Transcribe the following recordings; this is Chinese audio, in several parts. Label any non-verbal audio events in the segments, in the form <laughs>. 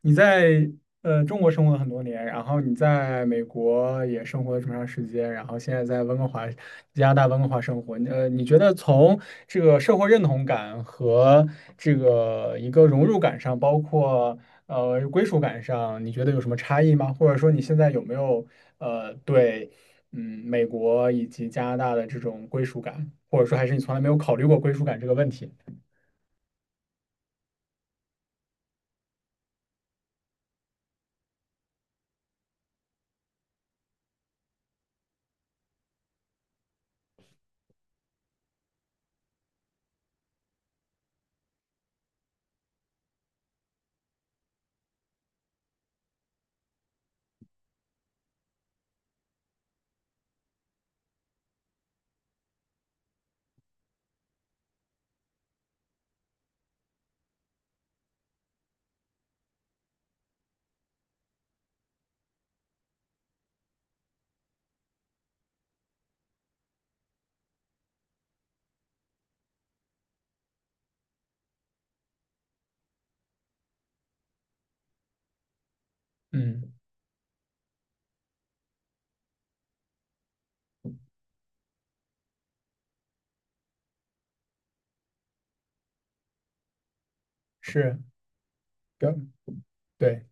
你在中国生活了很多年，然后你在美国也生活了这么长时间，然后现在在温哥华，加拿大温哥华生活，你觉得从这个社会认同感和这个一个融入感上，包括归属感上，你觉得有什么差异吗？或者说你现在有没有对美国以及加拿大的这种归属感，或者说还是你从来没有考虑过归属感这个问题？嗯，是，对，对。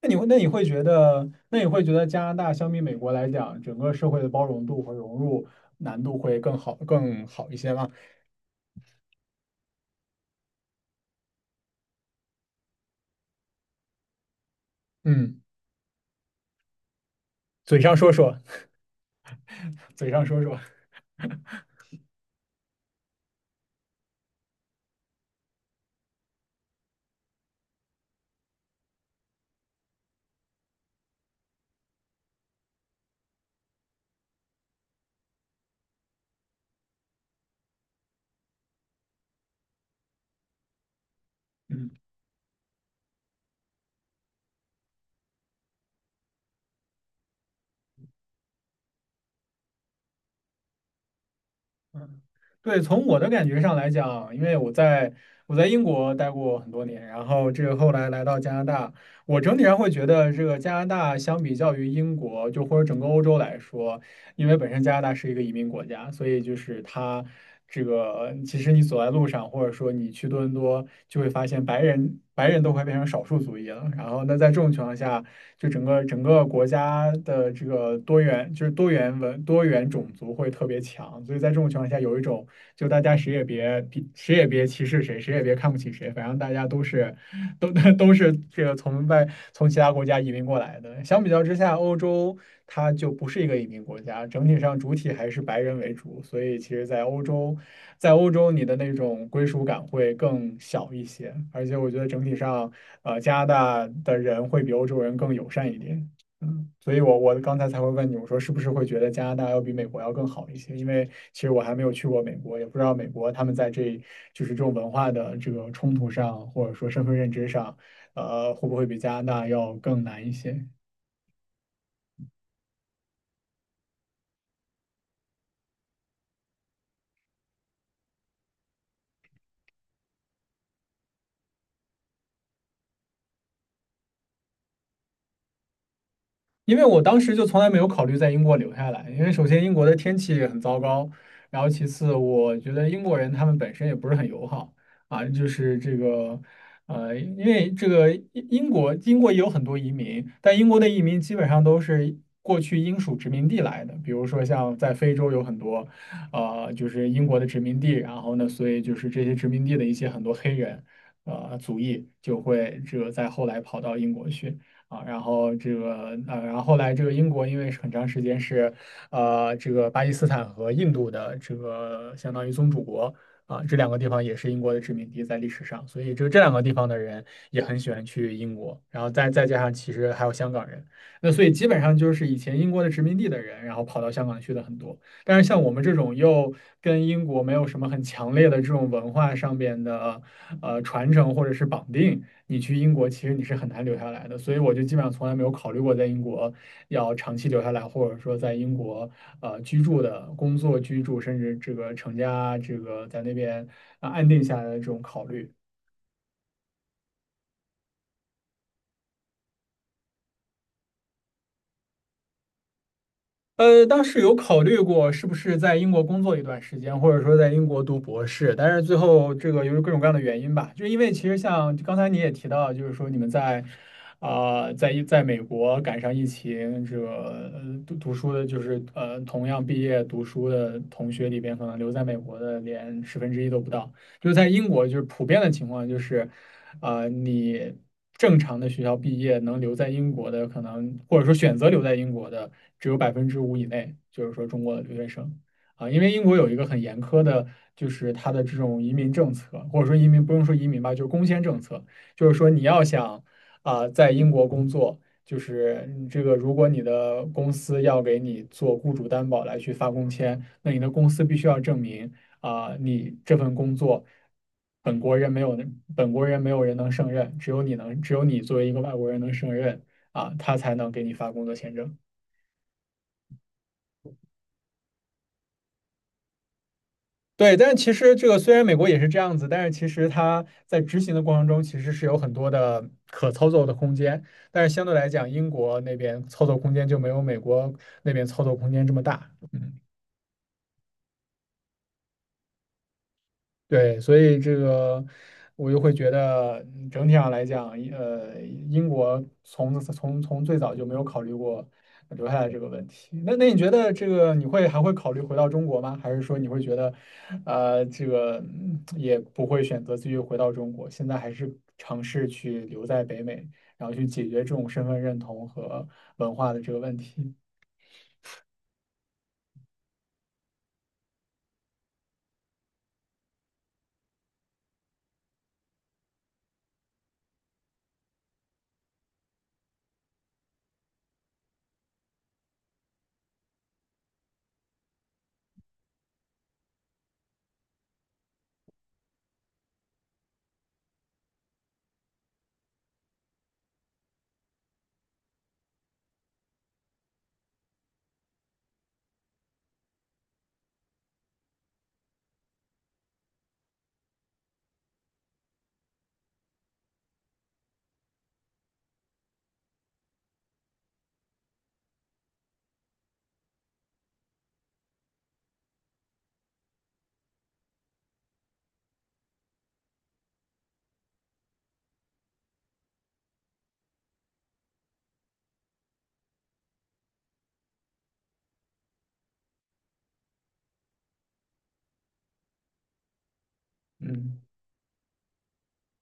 那你会觉得加拿大相比美国来讲，整个社会的包容度和融入难度会更好一些吗？嗯，嘴上说说，<laughs> 嘴上说说，<laughs> 嗯嗯，对，从我的感觉上来讲，因为我在英国待过很多年，然后这个后来来到加拿大，我整体上会觉得，这个加拿大相比较于英国，就或者整个欧洲来说，因为本身加拿大是一个移民国家，所以就是它这个，其实你走在路上，或者说你去多伦多，就会发现白人都快变成少数族裔了。然后那在这种情况下，就整个国家的这个多元，就是多元种族会特别强。所以在这种情况下，有一种就大家谁也别歧视谁，谁也别看不起谁，反正大家都是。都 <laughs> 都是这个从其他国家移民过来的。相比较之下，欧洲它就不是一个移民国家，整体上主体还是白人为主，所以其实，在欧洲，在欧洲你的那种归属感会更小一些，而且我觉得整体上，加拿大的人会比欧洲人更友善一点。嗯，所以我刚才才会问你，我说是不是会觉得加拿大要比美国要更好一些？因为其实我还没有去过美国，也不知道美国他们在这就是这种文化的这个冲突上，或者说身份认知上，会不会比加拿大要更难一些？因为我当时就从来没有考虑在英国留下来，因为首先英国的天气很糟糕，然后其次我觉得英国人他们本身也不是很友好啊，就是这个，因为这个英国也有很多移民，但英国的移民基本上都是过去英属殖民地来的，比如说像在非洲有很多，就是英国的殖民地，然后呢，所以就是这些殖民地的一些很多黑人，族裔就会这个在后来跑到英国去。啊，然后这个然后后来这个英国因为是很长时间是这个巴基斯坦和印度的这个相当于宗主国啊，这两个地方也是英国的殖民地在历史上，所以就这两个地方的人也很喜欢去英国，然后再加上其实还有香港人，那所以基本上就是以前英国的殖民地的人，然后跑到香港去的很多，但是像我们这种又跟英国没有什么很强烈的这种文化上边的。传承或者是绑定，你去英国其实你是很难留下来的。所以我就基本上从来没有考虑过在英国要长期留下来，或者说在英国居住的工作居住，甚至这个成家这个在那边啊安定下来的这种考虑。当时有考虑过是不是在英国工作一段时间，或者说在英国读博士，但是最后这个由于各种各样的原因吧，就因为其实像刚才你也提到，就是说你们在在美国赶上疫情，这个读书的，就是同样毕业读书的同学里边，可能留在美国的连十分之一都不到，就是在英国就是普遍的情况就是。你正常的学校毕业能留在英国的，可能或者说选择留在英国的，只有百分之五以内，就是说中国的留学生啊，因为英国有一个很严苛的，就是它的这种移民政策，或者说移民不用说移民吧，就是工签政策，就是说你要想啊，在英国工作。就是你这个，如果你的公司要给你做雇主担保来去发工签，那你的公司必须要证明啊、你这份工作本国人没有人能胜任，只有你能，只有你作为一个外国人能胜任啊、他才能给你发工作签证。对，但是其实这个虽然美国也是这样子，但是其实它在执行的过程中其实是有很多的可操作的空间，但是相对来讲，英国那边操作空间就没有美国那边操作空间这么大。嗯对，所以这个我就会觉得嗯整体上来讲，英国从最早就没有考虑过留下来这个问题。那那你觉得这个你会还会考虑回到中国吗？还是说你会觉得，这个嗯也不会选择继续回到中国，现在还是尝试去留在北美，然后去解决这种身份认同和文化的这个问题？嗯。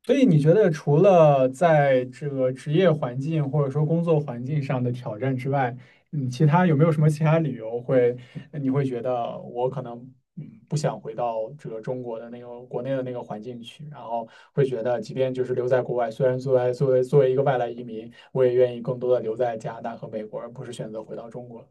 所以你觉得除了在这个职业环境或者说工作环境上的挑战之外，嗯，其他有没有什么其他理由会你会觉得我可能嗯不想回到这个中国的那个国内的那个环境去，然后会觉得即便就是留在国外，虽然作为一个外来移民，我也愿意更多的留在加拿大和美国，而不是选择回到中国。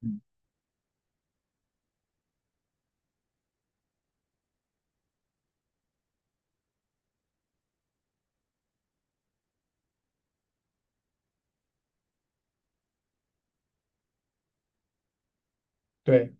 嗯，对。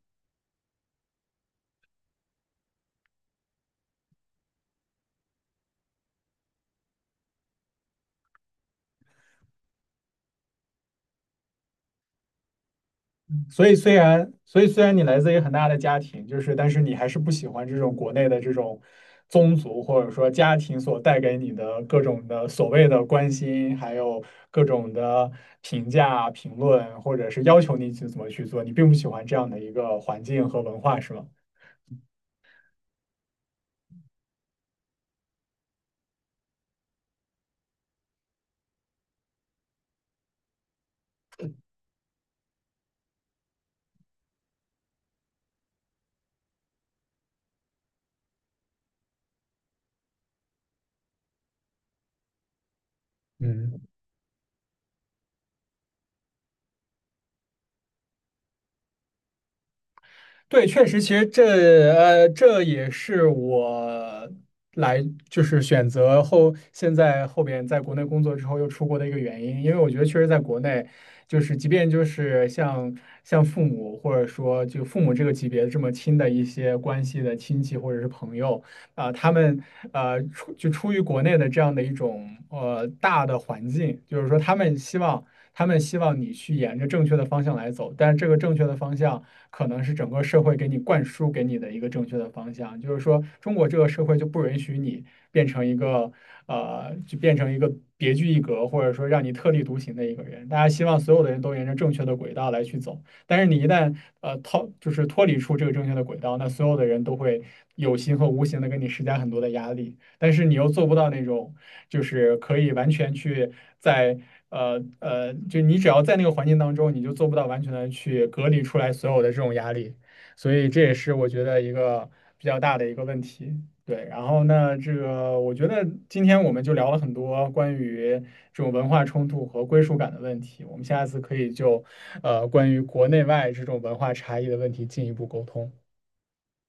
所以虽然，所以虽然你来自于很大的家庭，就是，但是你还是不喜欢这种国内的这种宗族或者说家庭所带给你的各种的所谓的关心，还有各种的评价、评论，或者是要求你去怎么去做，你并不喜欢这样的一个环境和文化，是吗？嗯，对，确实，其实这这也是我就是选择后现在后边在国内工作之后又出国的一个原因，因为我觉得确实在国内，就是即便就是像父母或者说就父母这个级别这么亲的一些关系的亲戚或者是朋友啊、他们就出于国内的这样的一种大的环境，就是说他们希望你去沿着正确的方向来走，但是这个正确的方向。可能是整个社会给你灌输给你的一个正确的方向，就是说中国这个社会就不允许你变成一个就变成一个别具一格，或者说让你特立独行的一个人。大家希望所有的人都沿着正确的轨道来去走，但是你一旦就是脱离出这个正确的轨道，那所有的人都会有形和无形的给你施加很多的压力。但是你又做不到那种，就是可以完全去在就你只要在那个环境当中，你就做不到完全的去隔离出来所有的这种压力，所以这也是我觉得一个比较大的一个问题。对，然后呢，这个我觉得今天我们就聊了很多关于这种文化冲突和归属感的问题，我们下次可以就关于国内外这种文化差异的问题进一步沟通。